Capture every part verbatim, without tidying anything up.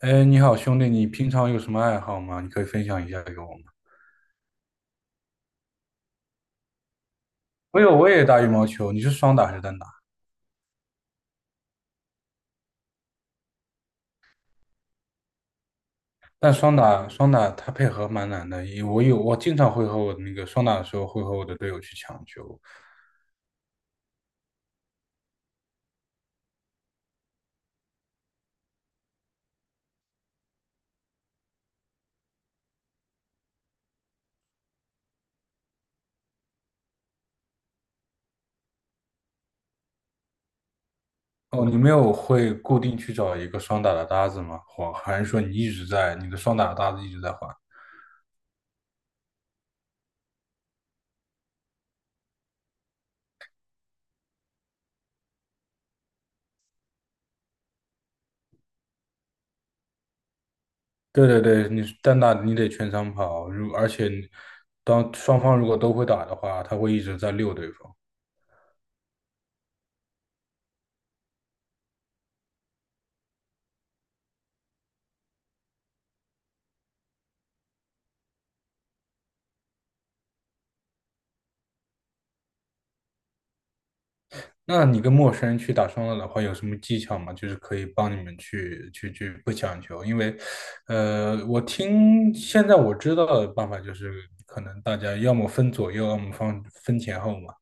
哎，你好，兄弟，你平常有什么爱好吗？你可以分享一下给我吗？我有，我也打羽毛球。你是双打还是单打？但双打双打它配合蛮难的，因为我有我经常会和我的那个双打的时候会和我的队友去抢球。哦，你没有会固定去找一个双打的搭子吗？或还是说你一直在你的双打的搭子一直在换？对对对，你是单打你得全场跑，如而且你当双方如果都会打的话，他会一直在溜对方。那你跟陌生人去打双打的话，有什么技巧吗？就是可以帮你们去去去不抢球，因为，呃，我听现在我知道的办法就是，可能大家要么分左右，要么分分前后嘛，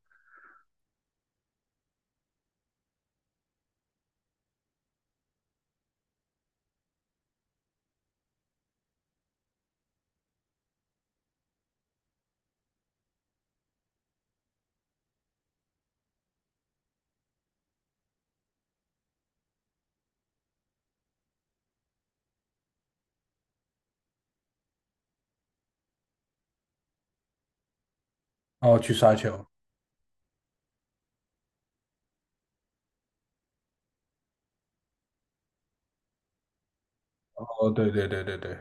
然后去杀球。哦，对对对对对。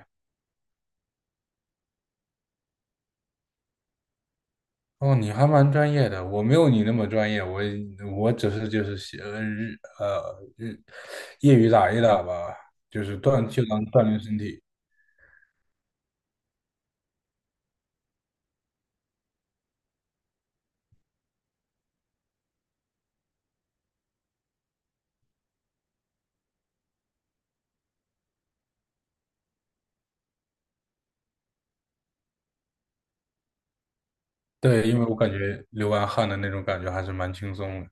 哦，你还蛮专业的，我没有你那么专业，我我只是就是喜呃日呃日业余打一打吧，就是锻就当锻炼身体。对，因为我感觉流完汗的那种感觉还是蛮轻松的。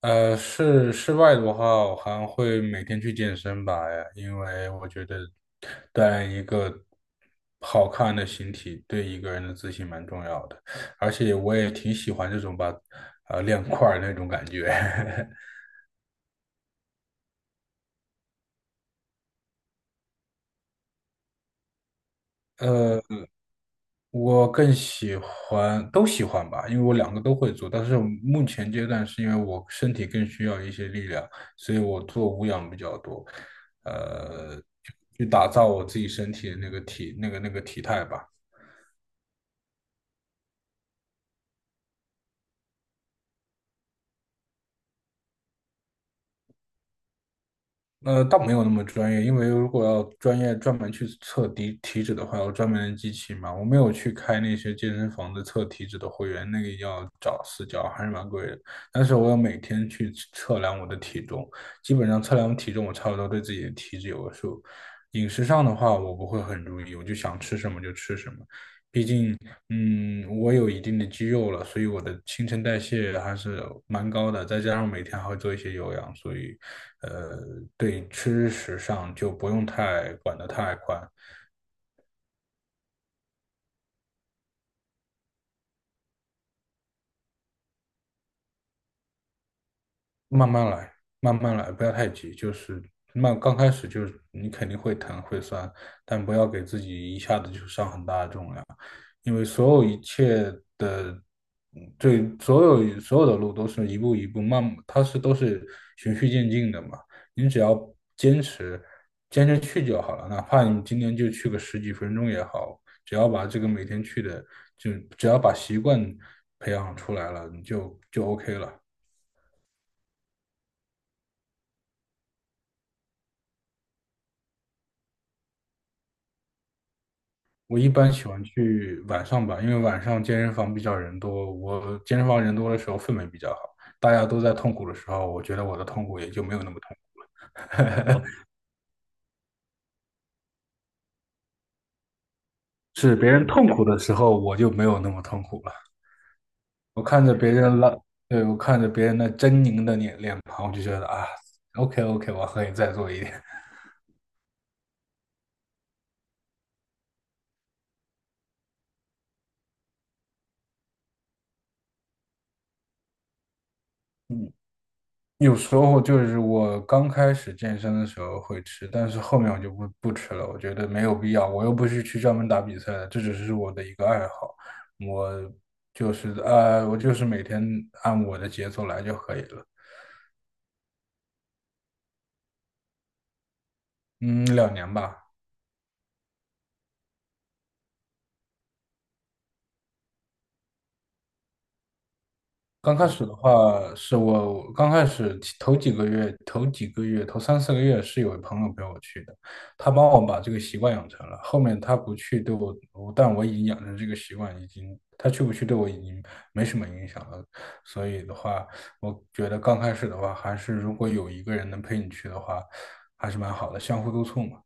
呃，室室外的话，我还会每天去健身吧，因为我觉得锻炼一个好看的形体，对一个人的自信蛮重要的。而且我也挺喜欢这种把呃练块儿那种感觉。呃。我更喜欢都喜欢吧，因为我两个都会做，但是目前阶段是因为我身体更需要一些力量，所以我做无氧比较多，呃，去打造我自己身体的那个体那个那个体态吧。呃，倒没有那么专业，因为如果要专业专门去测体体脂的话，要专门的机器嘛。我没有去开那些健身房的测体脂的会员，那个要找私教，还是蛮贵的。但是我要每天去测量我的体重，基本上测量体重，我差不多对自己的体脂有个数。饮食上的话，我不会很注意，我就想吃什么就吃什么。嗯，我有一定的肌肉了，所以我的新陈代谢还是蛮高的，再加上每天还会做一些有氧，所以，呃，对吃食上就不用太管得太宽。慢慢来，慢慢来，不要太急，就是慢，刚开始就是你肯定会疼会酸，但不要给自己一下子就上很大的重量，因为所有一切。对，所有所有的路都是一步一步慢，它是都是循序渐进的嘛。你只要坚持，坚持去就好了。哪怕你今天就去个十几分钟也好，只要把这个每天去的，就只要把习惯培养出来了，你就就 OK 了。我一般喜欢去晚上吧，因为晚上健身房比较人多，我健身房人多的时候氛围比较好，大家都在痛苦的时候，我觉得我的痛苦也就没有那么痛苦。是别人痛苦的时候，我就没有那么痛苦了。我看着别人拉，对，我看着别人那狰狞的脸脸庞，我就觉得啊，OK OK，我可以再做一点。嗯，有时候就是我刚开始健身的时候会吃，但是后面我就不不吃了，我觉得没有必要，我又不是去专门打比赛的，这只是我的一个爱好，我就是呃，我就是每天按我的节奏来就可以了。嗯，两年吧。刚开始的话，是我刚开始其头几个月、头几个月、头三四个月是有朋友陪我去的，他帮我把这个习惯养成了。后面他不去对我我但我已经养成这个习惯，已经他去不去对我已经没什么影响了。所以的话，我觉得刚开始的话，还是如果有一个人能陪你去的话，还是蛮好的，相互督促嘛。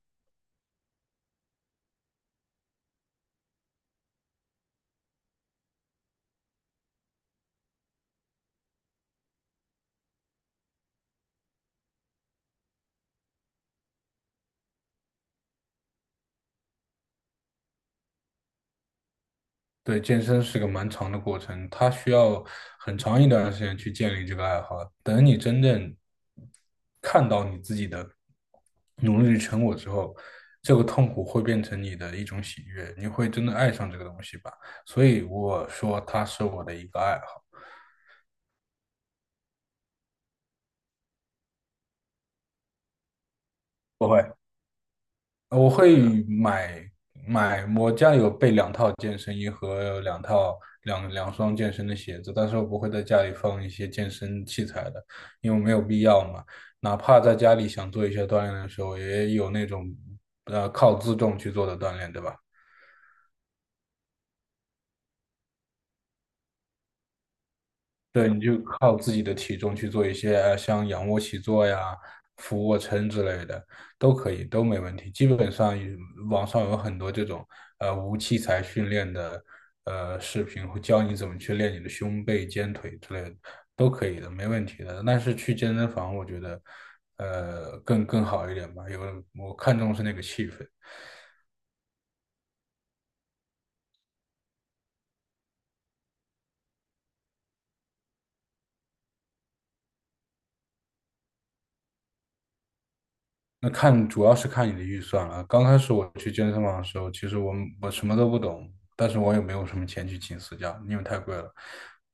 对，健身是个蛮长的过程，它需要很长一段时间去建立这个爱好。等你真正看到你自己的努力的成果之后，这个痛苦会变成你的一种喜悦，你会真的爱上这个东西吧。所以我说它是我的一个爱好。不会。我会买买，我家里有备两套健身衣和两套两两双健身的鞋子，但是我不会在家里放一些健身器材的，因为没有必要嘛。哪怕在家里想做一些锻炼的时候，也有那种呃靠自重去做的锻炼，对吧？对，你就靠自己的体重去做一些呃像仰卧起坐呀、俯卧撑之类的，都可以，都没问题。基本上有网上有很多这种呃无器材训练的呃视频，会教你怎么去练你的胸背、肩腿之类的，都可以的，没问题的。但是去健身房，我觉得呃更更好一点吧，有我看重是那个气氛。那看主要是看你的预算了。刚开始我去健身房的时候，其实我们我什么都不懂，但是我也没有什么钱去请私教，因为太贵了。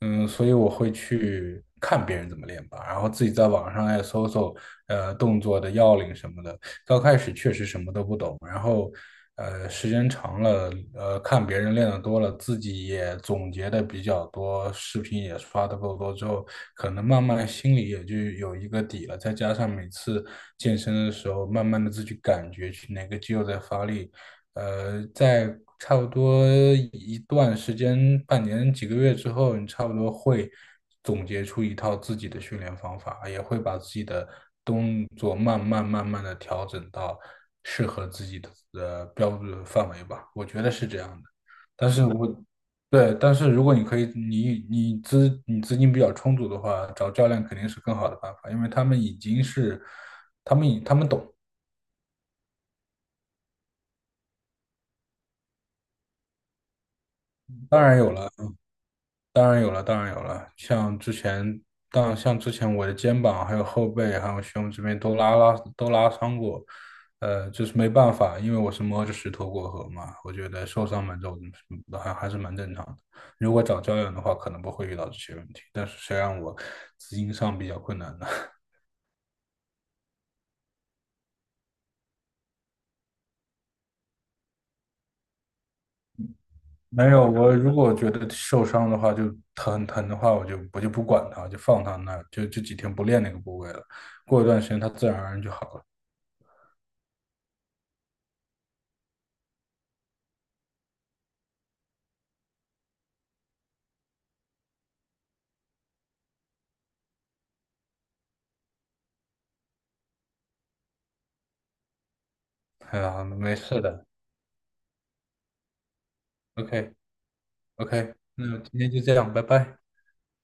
嗯，所以我会去看别人怎么练吧，然后自己在网上也搜搜，呃，动作的要领什么的。刚开始确实什么都不懂，然后，呃，时间长了，呃，看别人练的多了，自己也总结的比较多，视频也刷的够多之后，可能慢慢心里也就有一个底了。再加上每次健身的时候，慢慢的自己感觉去哪个肌肉在发力。呃，在差不多一段时间，半年几个月之后，你差不多会总结出一套自己的训练方法，也会把自己的动作慢慢慢慢的调整到适合自己的呃标准范围吧。我觉得是这样的，但是我。对，但是如果你可以，你你资你资金比较充足的话，找教练肯定是更好的办法，因为他们已经是他们他们懂。当然有了，当然有了，当然有了。像之前，当像之前我的肩膀、还有后背、还有胸这边都拉拉都拉伤过，呃，就是没办法，因为我是摸着石头过河嘛。我觉得受伤蛮重，的，嗯还还是蛮正常的。如果找教练的话，可能不会遇到这些问题，但是谁让我资金上比较困难呢？没有，我如果觉得受伤的话，就疼疼的话，我就我就不管它，就放它那儿，就就几天不练那个部位了。过一段时间，它自然而然就好了。哎呀，没事的。OK OK，那今天就这样，拜拜。